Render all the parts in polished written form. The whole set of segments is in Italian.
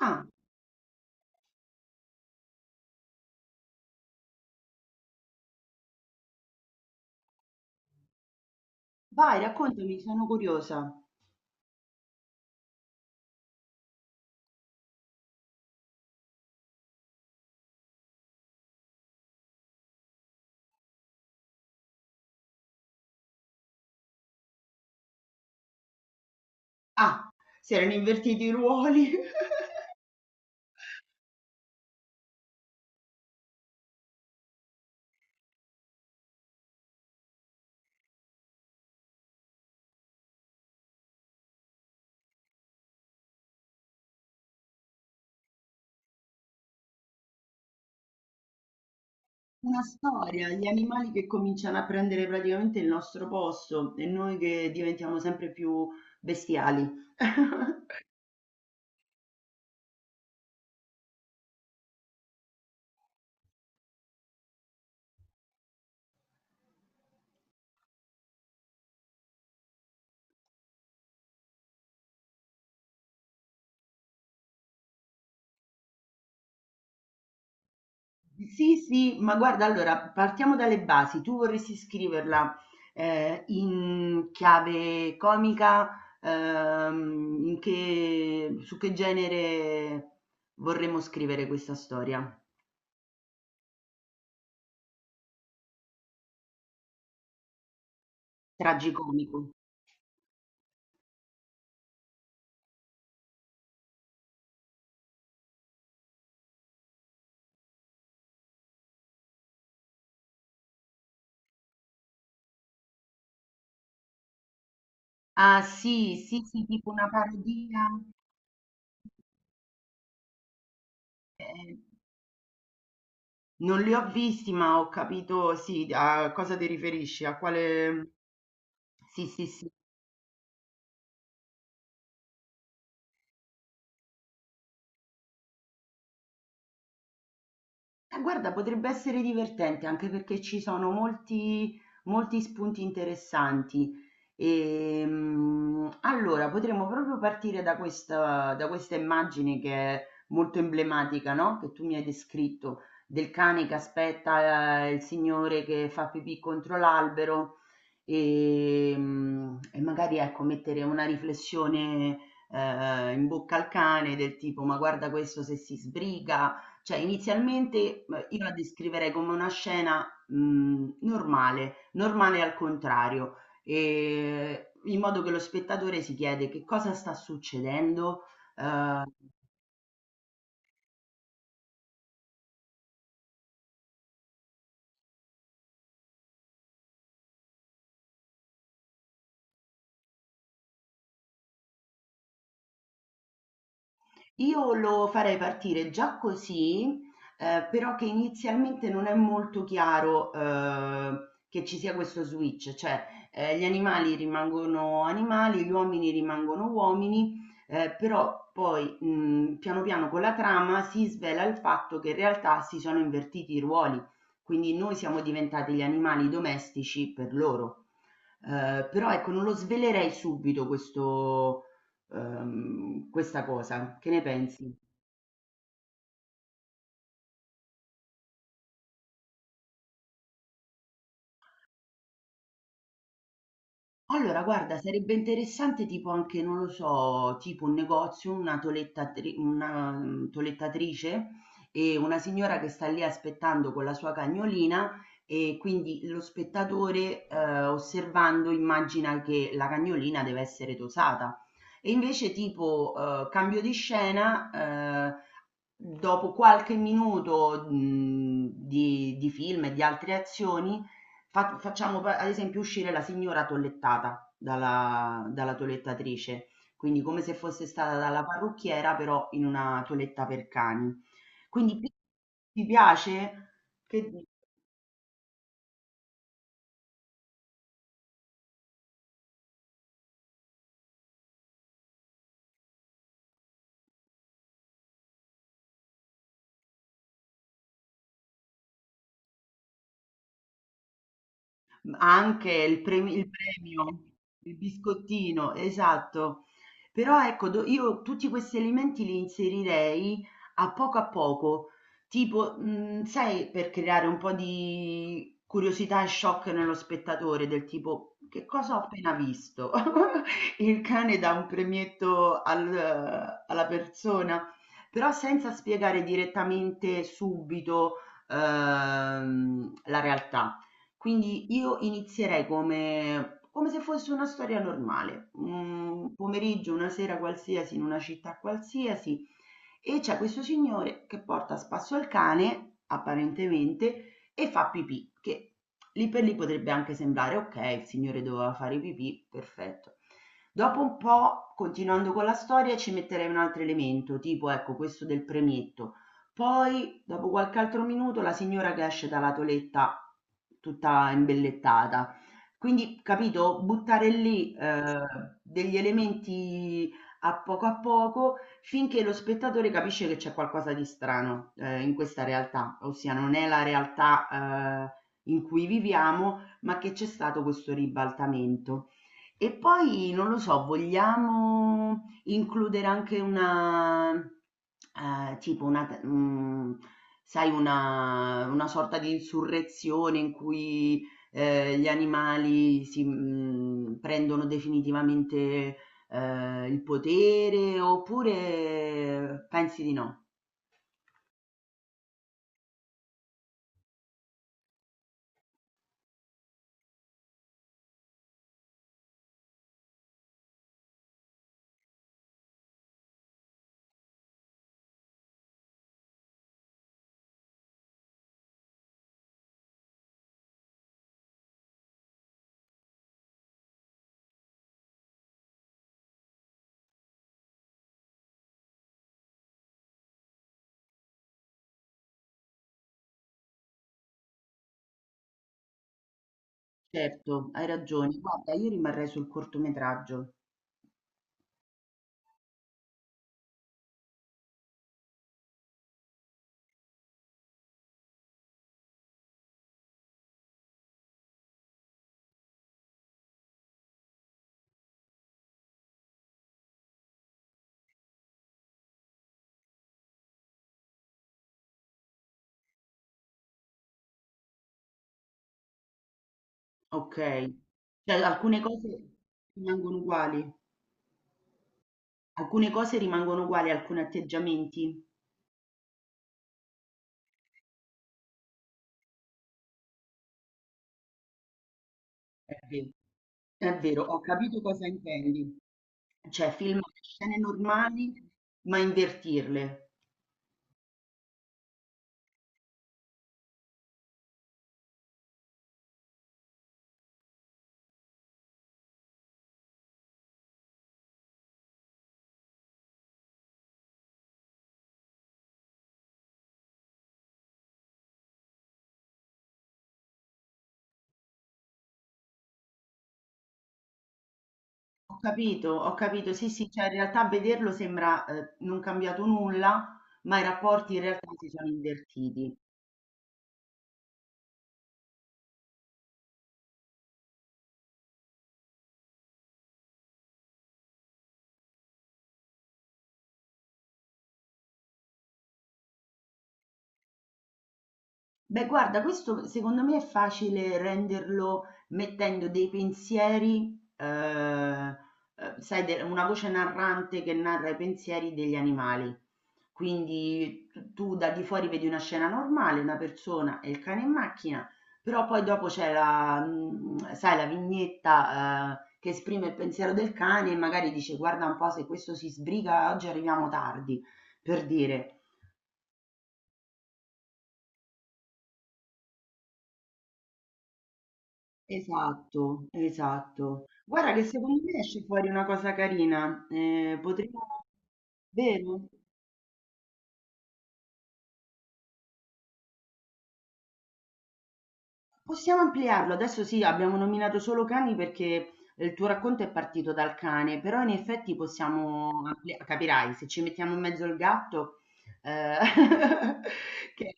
Ah, vai, raccontami, sono curiosa. Ah, si erano invertiti i ruoli. Una storia, gli animali che cominciano a prendere praticamente il nostro posto e noi che diventiamo sempre più bestiali. Sì, sì, ma guarda, allora partiamo dalle basi. Tu vorresti scriverla in chiave comica, su che genere vorremmo scrivere questa storia? Tragicomico. Ah sì, sì, sì, tipo una parodia. Eh, non li ho visti, ma ho capito, sì, a cosa ti riferisci, a quale. Sì, sì, sì. Guarda, potrebbe essere divertente anche perché ci sono molti, molti spunti interessanti. Allora, potremmo proprio partire da questa immagine che è molto emblematica, no? Che tu mi hai descritto, del cane che aspetta, il signore che fa pipì contro l'albero. E magari ecco, mettere una riflessione, in bocca al cane del tipo: "Ma guarda questo se si sbriga". Cioè inizialmente, io la descriverei come una scena, normale, normale al contrario, ehm, in modo che lo spettatore si chiede: "Che cosa sta succedendo?" Uhm Io lo farei partire già così, però che inizialmente non è molto chiaro, che ci sia questo switch, cioè, gli animali rimangono animali, gli uomini rimangono uomini, però poi, piano piano con la trama si svela il fatto che in realtà si sono invertiti i ruoli, quindi noi siamo diventati gli animali domestici per loro. Però ecco, non lo svelerei subito questo questa cosa. Che ne pensi? Allora, guarda, sarebbe interessante tipo anche, non lo so, tipo un negozio, una tolettatrice e una signora che sta lì aspettando con la sua cagnolina e quindi lo spettatore osservando immagina che la cagnolina deve essere tosata. E invece tipo cambio di scena, eh, dopo qualche minuto, di film e di altre azioni, fa facciamo p ad esempio uscire la signora tollettata dalla toelettatrice, quindi come se fosse stata dalla parrucchiera, però in una toeletta per cani. Quindi pi ti piace? Che di Anche il premio, il biscottino, esatto. Però ecco, do io tutti questi alimenti li inserirei a poco, tipo, sai, per creare un po' di curiosità e shock nello spettatore, del tipo: "Che cosa ho appena visto?" Il cane dà un premietto al alla persona, però senza spiegare direttamente subito, la realtà. Quindi io inizierei come se fosse una storia normale, un pomeriggio, una sera qualsiasi, in una città qualsiasi, e c'è questo signore che porta a spasso il cane, apparentemente, e fa pipì, che lì per lì potrebbe anche sembrare, ok, il signore doveva fare pipì, perfetto. Dopo un po', continuando con la storia, ci metterei un altro elemento, tipo, ecco, questo del premetto. Poi, dopo qualche altro minuto, la signora che esce dalla toeletta tutta imbellettata. Quindi, capito, buttare lì, degli elementi a poco finché lo spettatore capisce che c'è qualcosa di strano, in questa realtà, ossia non è la realtà, in cui viviamo, ma che c'è stato questo ribaltamento. E poi, non lo so, vogliamo includere anche una tipo una sai una sorta di insurrezione in cui, gli animali si prendono definitivamente, il potere oppure pensi di no? Certo, hai ragione. Guarda, io rimarrei sul cortometraggio. Okay. Cioè alcune cose rimangono uguali? Alcune cose rimangono uguali, alcuni atteggiamenti? Eh sì. È vero, ho capito cosa intendi. Cioè filmare scene normali, ma invertirle. Ho capito, ho capito. Sì, sì, cioè in realtà vederlo sembra non cambiato nulla, ma i rapporti in realtà si sono invertiti. Beh, guarda, questo secondo me è facile renderlo mettendo dei pensieri, sai, una voce narrante che narra i pensieri degli animali. Quindi tu da di fuori vedi una scena normale, una persona e il cane in macchina, però poi dopo c'è sai, la vignetta, che esprime il pensiero del cane e magari dice guarda un po' se questo si sbriga oggi arriviamo tardi, per dire. Esatto, esatto. Guarda che secondo me esce fuori una cosa carina. Potremmo. Vero? Possiamo ampliarlo. Adesso sì, abbiamo nominato solo cani perché il tuo racconto è partito dal cane, però in effetti capirai, se ci mettiamo in mezzo il gatto, eh, che.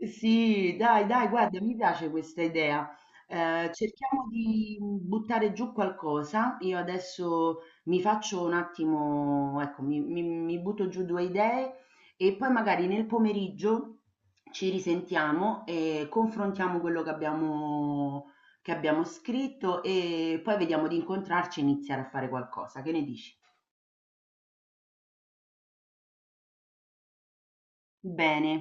Sì, dai, dai, guarda, mi piace questa idea. Cerchiamo di buttare giù qualcosa. Io adesso mi faccio un attimo, ecco, mi butto giù due idee e poi magari nel pomeriggio ci risentiamo e confrontiamo quello che abbiamo scritto e poi vediamo di incontrarci e iniziare a fare qualcosa. Che ne dici? Bene.